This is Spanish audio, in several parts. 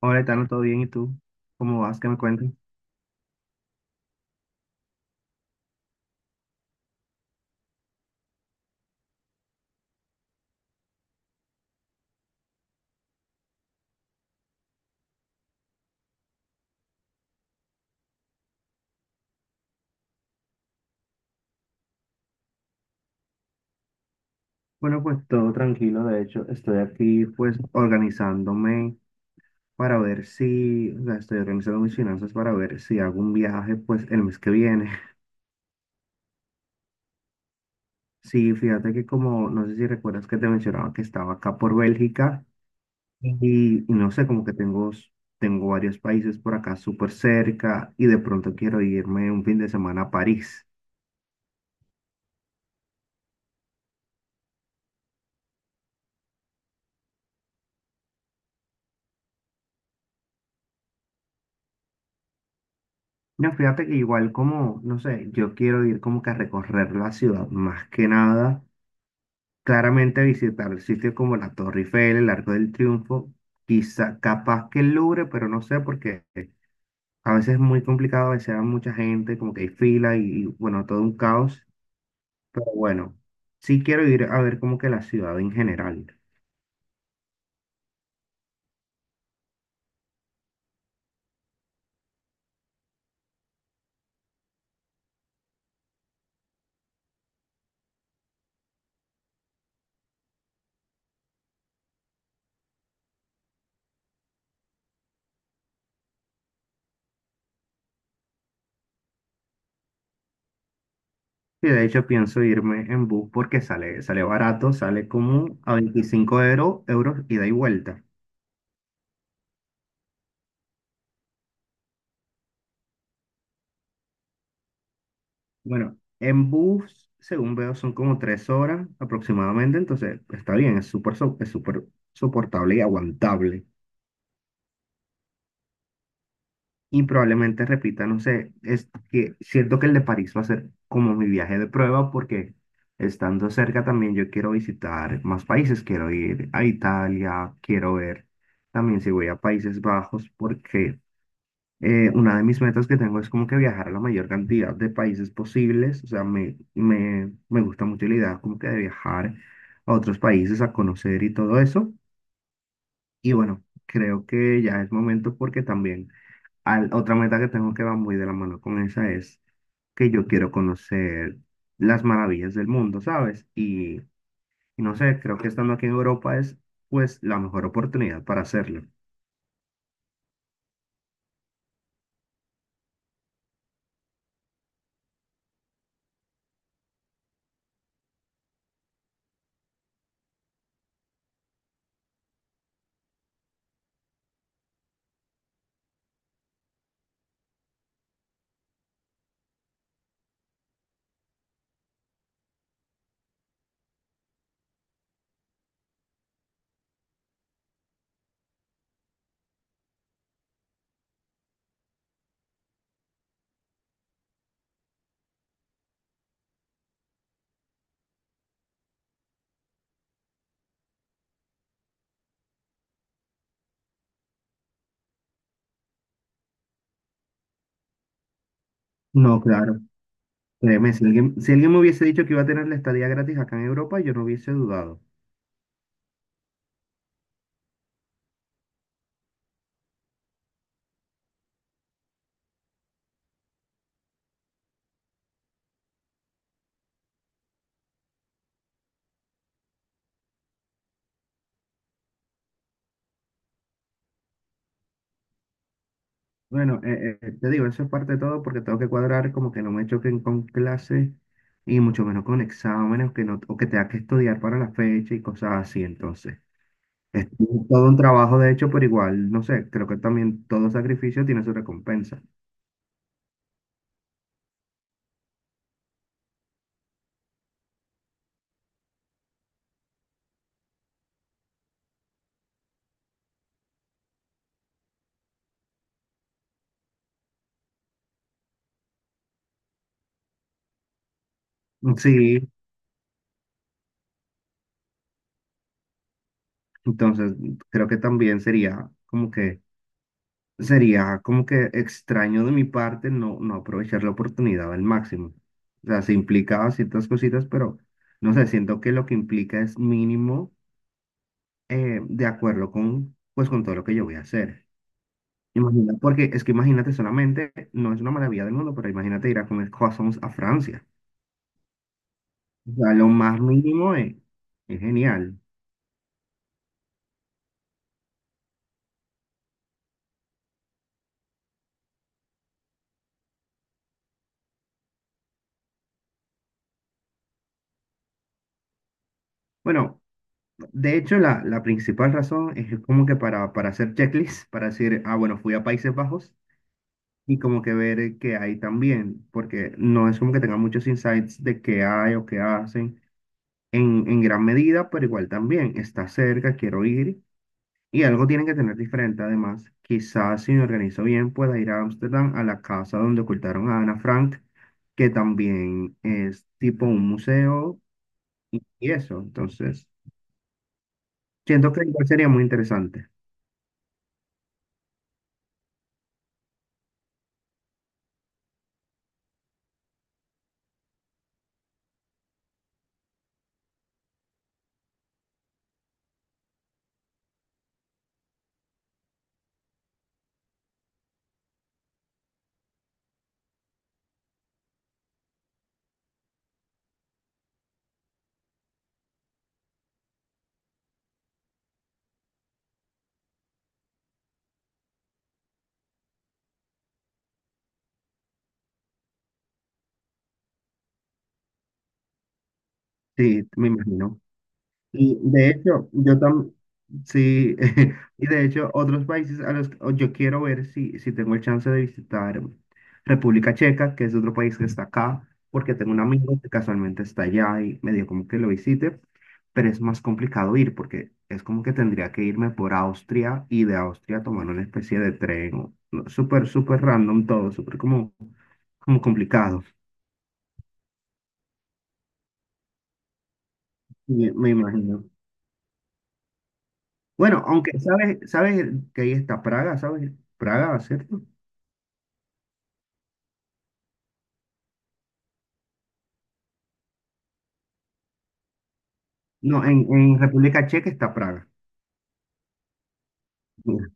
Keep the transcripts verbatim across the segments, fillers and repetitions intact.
Hola, Etano, ¿todo bien? ¿Y tú? ¿Cómo vas? ¿Qué me cuentas? Bueno, pues todo tranquilo. De hecho, estoy aquí pues organizándome para ver si, o sea, estoy organizando mis finanzas para ver si hago un viaje pues el mes que viene. Sí, fíjate que como, no sé si recuerdas que te mencionaba que estaba acá por Bélgica y, y no sé, como que tengo, s- tengo varios países por acá súper cerca y de pronto quiero irme un fin de semana a París. No, fíjate que igual como, no sé, yo quiero ir como que a recorrer la ciudad más que nada, claramente visitar sitios como la Torre Eiffel, el Arco del Triunfo, quizá capaz que el Louvre, pero no sé porque a veces es muy complicado, a veces hay mucha gente, como que hay fila y, y, bueno, todo un caos, pero bueno, sí quiero ir a ver como que la ciudad en general. Y de hecho pienso irme en bus porque sale, sale barato, sale como a veinticinco euro- euros ida y vuelta. Bueno, en bus, según veo, son como tres horas aproximadamente, entonces está bien, es súper so- es súper soportable y aguantable. Y probablemente repita, no sé, es que siento que el de París va a ser como mi viaje de prueba porque estando cerca también yo quiero visitar más países, quiero ir a Italia, quiero ver también si voy a Países Bajos porque eh, una de mis metas que tengo es como que viajar a la mayor cantidad de países posibles. O sea, me, me, me gusta mucho la idea como que de viajar a otros países a conocer y todo eso. Y bueno, creo que ya es momento porque también al- otra meta que tengo que va muy de la mano con esa es que yo quiero conocer las maravillas del mundo, ¿sabes? Y, y no sé, creo que estando aquí en Europa es pues la mejor oportunidad para hacerlo. No, claro. Créeme, si alguien, si alguien me hubiese dicho que iba a tener la estadía gratis acá en Europa, yo no hubiese dudado. Bueno, eh, eh, te digo, eso es parte de todo porque tengo que cuadrar como que no me choquen con clases y mucho menos con exámenes que no, o que tenga que estudiar para la fecha y cosas así. Entonces, es todo un trabajo de hecho, pero igual, no sé, creo que también todo sacrificio tiene su recompensa. Sí, entonces creo que también sería como que sería como que extraño de mi parte no, no aprovechar la oportunidad al máximo. O sea, se implicaba ciertas cositas, pero no sé, siento que lo que implica es mínimo eh, de acuerdo con, pues, con todo lo que yo voy a hacer. Imagina, porque es que imagínate solamente, no es una maravilla del mundo, pero imagínate ir a comer croissants a Francia. O sea, lo más mínimo es, es genial. Bueno, de hecho, la, la principal razón es como que para, para hacer checklist, para decir, ah, bueno, fui a Países Bajos y como que ver qué hay también, porque no es como que tenga muchos insights de qué hay o qué hacen en, en gran medida, pero igual también está cerca, quiero ir y algo tienen que tener diferente además. Quizás si me organizo bien pueda ir a Ámsterdam a la casa donde ocultaron a Ana Frank, que también es tipo un museo y eso, entonces siento que igual sería muy interesante. Sí, me imagino. Y de hecho, yo también, sí, y de hecho, otros países a los que o yo quiero ver si, si tengo el chance de visitar República Checa, que es otro país que está acá, porque tengo un amigo que casualmente está allá y me dio como que lo visite, pero es más complicado ir porque es como que tendría que irme por Austria y de Austria tomar una especie de tren, o- no, súper, súper random todo, súper como, como complicado, y me imagino. Bueno, aunque sabes, sabes que ahí está Praga, ¿sabes? Praga, ¿cierto? No, en, en República Checa está Praga. Mira.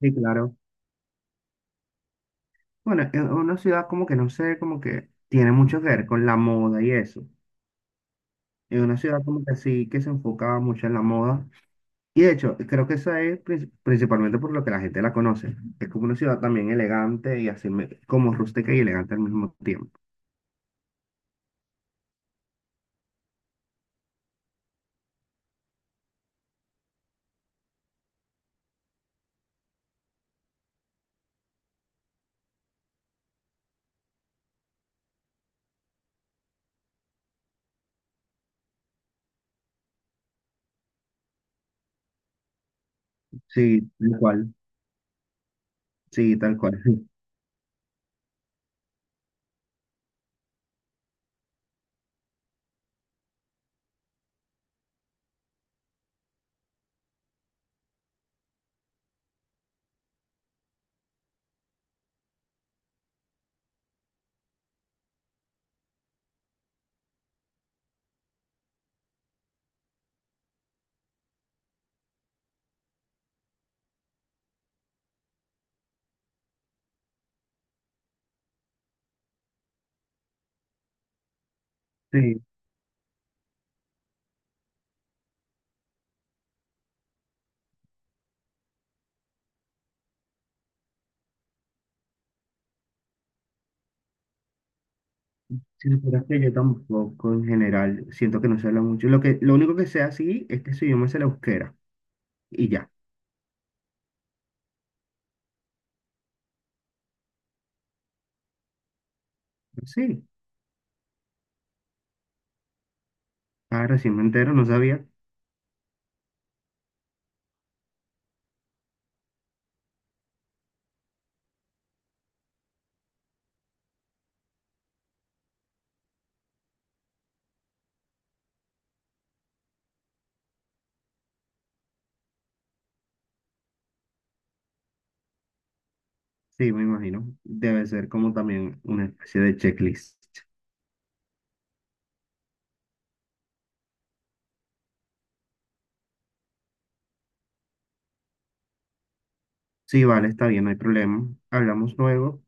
Sí, claro. Bueno, es una ciudad como que no sé, como que tiene mucho que ver con la moda y eso. Es una ciudad como que sí, que se enfocaba mucho en la moda. Y de hecho, creo que esa es prin- principalmente por lo que la gente la conoce. Es como una ciudad también elegante y así me- como rústica y elegante al mismo tiempo. Sí, tal cual. Sí, tal cual. Sí, Sí, pero es que yo tampoco en general siento que no se habla mucho. Lo que, lo único que sé así es que su idioma es el euskera y ya. Pues sí, ah, recién me entero, no sabía. Sí, me imagino. Debe ser como también una especie de checklist. Sí, vale, está bien, no hay problema. Hablamos luego.